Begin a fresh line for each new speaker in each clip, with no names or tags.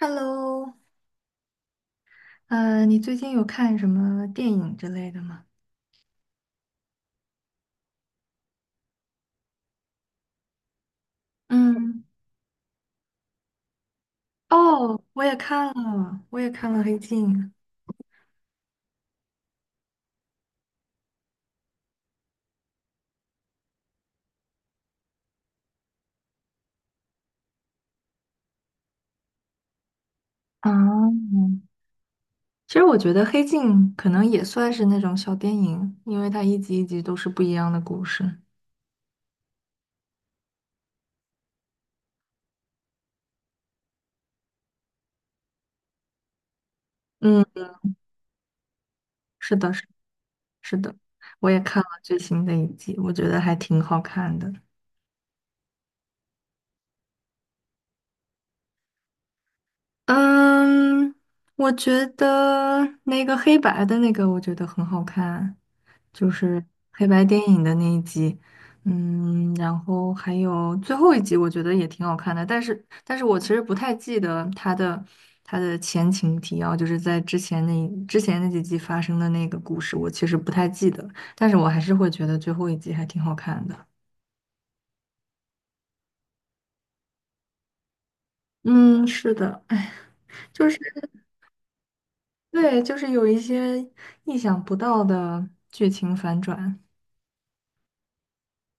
Hello，你最近有看什么电影之类的吗？嗯，哦，我也看了，我也看了《黑镜》。啊，其实我觉得《黑镜》可能也算是那种小电影，因为它一集一集都是不一样的故事。嗯，是的，是的，我也看了最新的一集，我觉得还挺好看的。嗯，我觉得那个黑白的那个，我觉得很好看，就是黑白电影的那一集。嗯，然后还有最后一集，我觉得也挺好看的，但是我其实不太记得它的前情提要，就是在之前那之前那几集发生的那个故事，我其实不太记得，但是我还是会觉得最后一集还挺好看的。嗯，是的。哎，就是。对，就是有一些意想不到的剧情反转。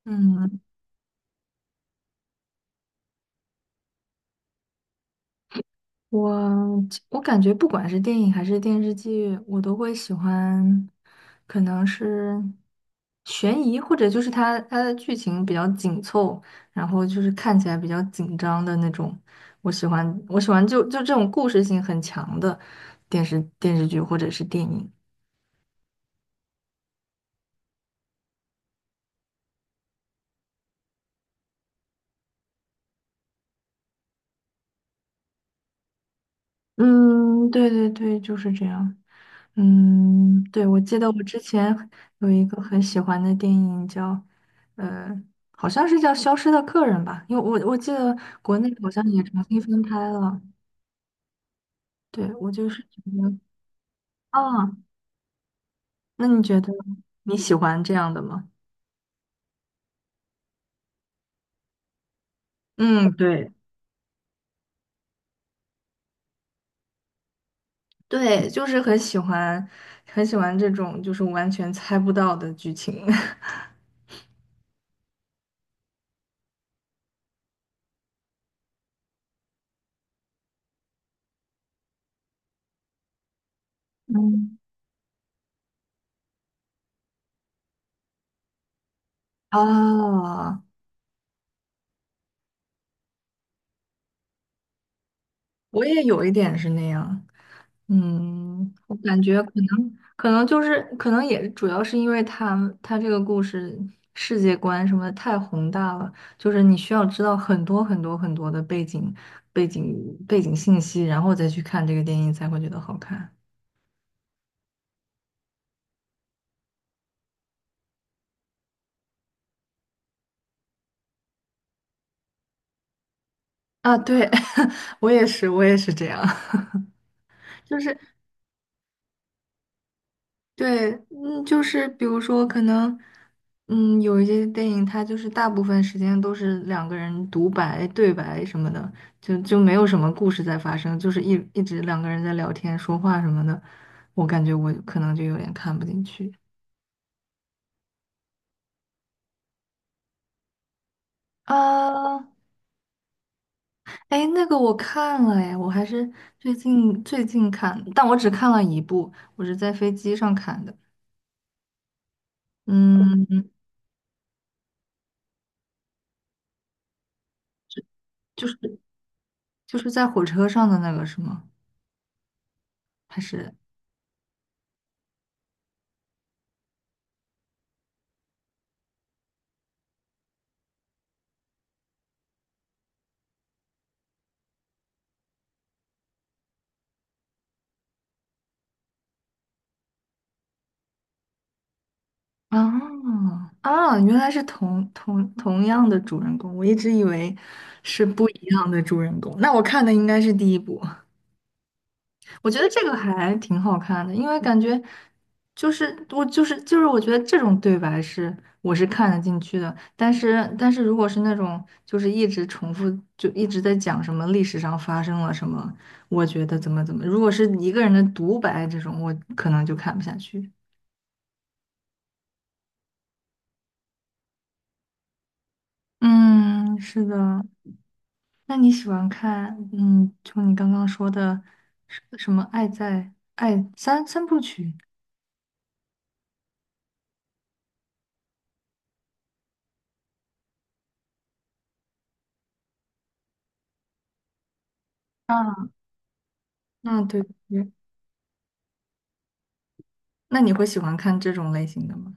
嗯，我我感觉不管是电影还是电视剧，我都会喜欢，可能是悬疑，或者就是它的剧情比较紧凑，然后就是看起来比较紧张的那种。我喜欢就这种故事性很强的电视剧或者是电影。嗯，对对对，就是这样。嗯，对，我记得我之前有一个很喜欢的电影叫，呃，好像是叫《消失的客人》吧，因为我记得国内好像也重新翻拍了。对，我就是觉得，啊，那你觉得你喜欢这样的吗？嗯，对，对，就是很喜欢，很喜欢这种就是完全猜不到的剧情。嗯，啊，我也有一点是那样。嗯，我感觉可能就是可能也主要是因为他这个故事世界观什么太宏大了，就是你需要知道很多很多很多的背景背景信息，然后再去看这个电影才会觉得好看啊。对，我也是，我也是这样，就是对，嗯，就是比如说，可能，嗯，有一些电影，它就是大部分时间都是两个人独白、对白什么的，就没有什么故事在发生，就是一直两个人在聊天、说话什么的，我感觉我可能就有点看不进去。啊，哎，那个我看了哎，我还是最近看，但我只看了一部，我是在飞机上看的。嗯，就是就是在火车上的那个是吗？还是？哦啊！原来是同样的主人公，我一直以为是不一样的主人公。那我看的应该是第一部，我觉得这个还挺好看的，因为感觉就是我就是就是我觉得这种对白是我是看得进去的，但是如果是那种就是一直重复就一直在讲什么历史上发生了什么，我觉得怎么怎么，如果是一个人的独白这种，我可能就看不下去。嗯，是的。那你喜欢看，嗯，就你刚刚说的什么《爱在三部曲》？啊，嗯，对对那你会喜欢看这种类型的吗？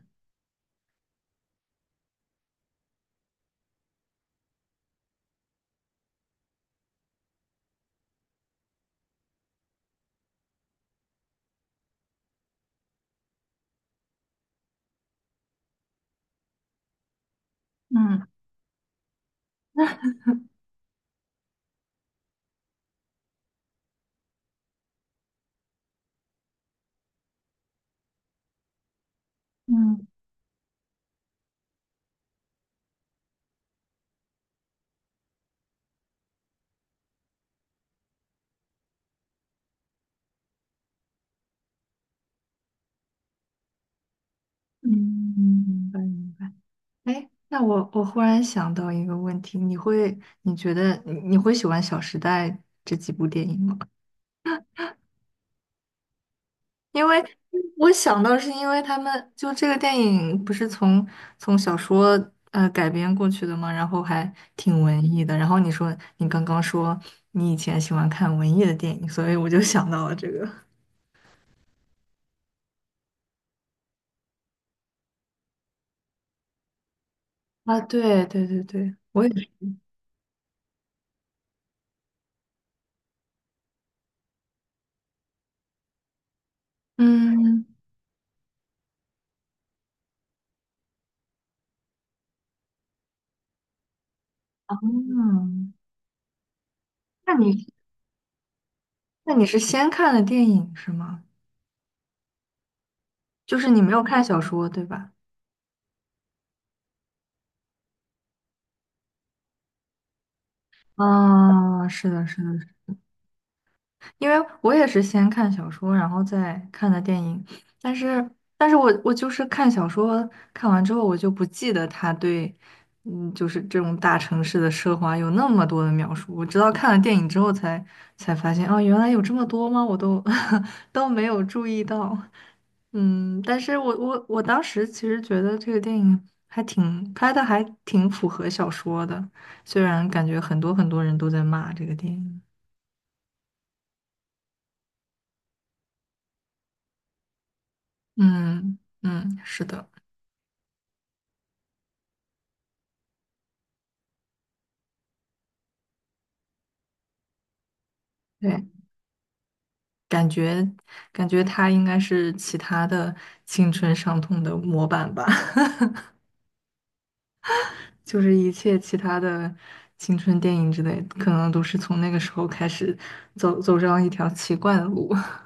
嗯嗯嗯，明白明白。哎，那我忽然想到一个问题，你觉得你会喜欢《小时代》这几部电影吗？因为我想到是因为他们就这个电影不是从小说改编过去的嘛，然后还挺文艺的。然后你说你刚刚说你以前喜欢看文艺的电影，所以我就想到了这个。啊，对对对对，我也是。嗯嗯，那你那你是先看的电影是吗？就是你没有看小说对吧？啊，是的，是的。因为我也是先看小说，然后再看的电影，但是，我就是看小说，看完之后我就不记得他对，嗯，就是这种大城市的奢华有那么多的描述，我直到看了电影之后才发现，哦，原来有这么多吗？我都 都没有注意到，嗯，但是我当时其实觉得这个电影还挺拍的，还挺符合小说的，虽然感觉很多很多人都在骂这个电影。嗯嗯，是的，对，嗯感觉感觉他应该是其他的青春伤痛的模板吧，就是一切其他的青春电影之类，可能都是从那个时候开始走上一条奇怪的路。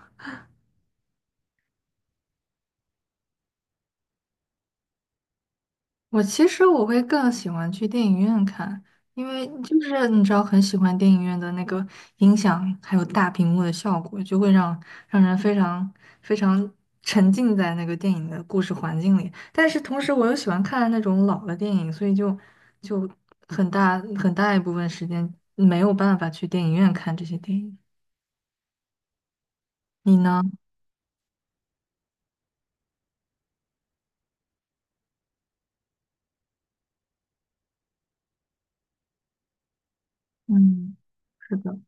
我其实我会更喜欢去电影院看，因为就是你知道，很喜欢电影院的那个音响，还有大屏幕的效果，就会让人非常非常沉浸在那个电影的故事环境里。但是同时，我又喜欢看那种老的电影，所以就就很大很大一部分时间没有办法去电影院看这些电影。你呢？嗯，是的，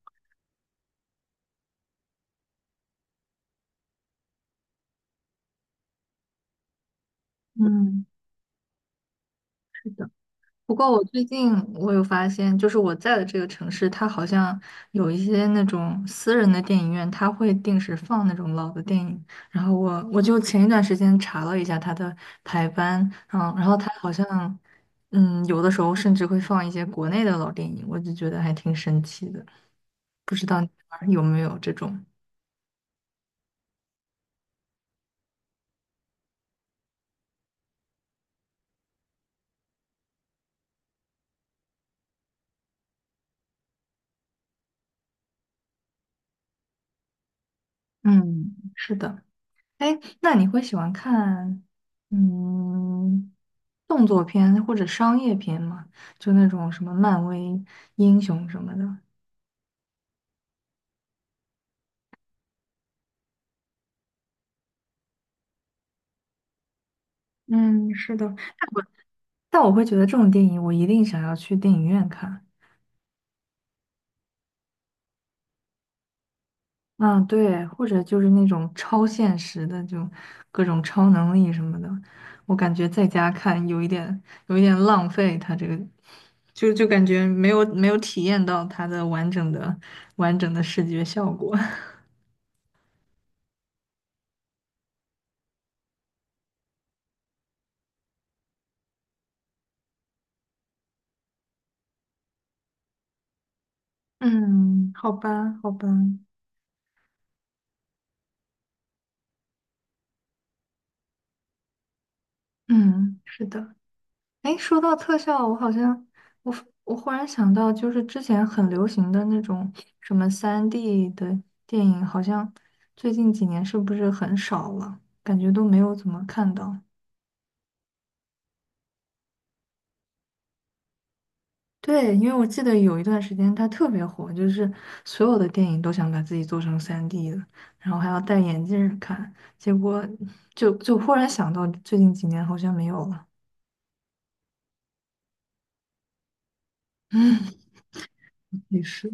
嗯，是的。不过我最近我有发现，就是我在的这个城市，它好像有一些那种私人的电影院，它会定时放那种老的电影。然后我就前一段时间查了一下它的排班，嗯，然后它好像，嗯，有的时候甚至会放一些国内的老电影，我就觉得还挺神奇的。不知道你那儿有没有这种？嗯，是的。哎，那你会喜欢看，嗯？动作片或者商业片嘛，就那种什么漫威英雄什么的。嗯，是的，但我但我会觉得这种电影我一定想要去电影院看。嗯，对，或者就是那种超现实的，就各种超能力什么的，我感觉在家看有一点浪费它这个，就感觉没有体验到它的完整的视觉效果。嗯，好吧，好吧，嗯，是的。哎，说到特效，我好像我我忽然想到，就是之前很流行的那种什么三 d 的电影，好像最近几年是不是很少了？感觉都没有怎么看到。对，因为我记得有一段时间它特别火，就是所有的电影都想把自己做成三 d 的，然后还要戴眼镜儿看，结果就忽然想到最近几年好像没有了。嗯，也是。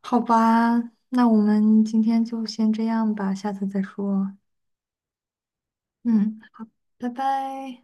好吧，那我们今天就先这样吧，下次再说。嗯，拜拜。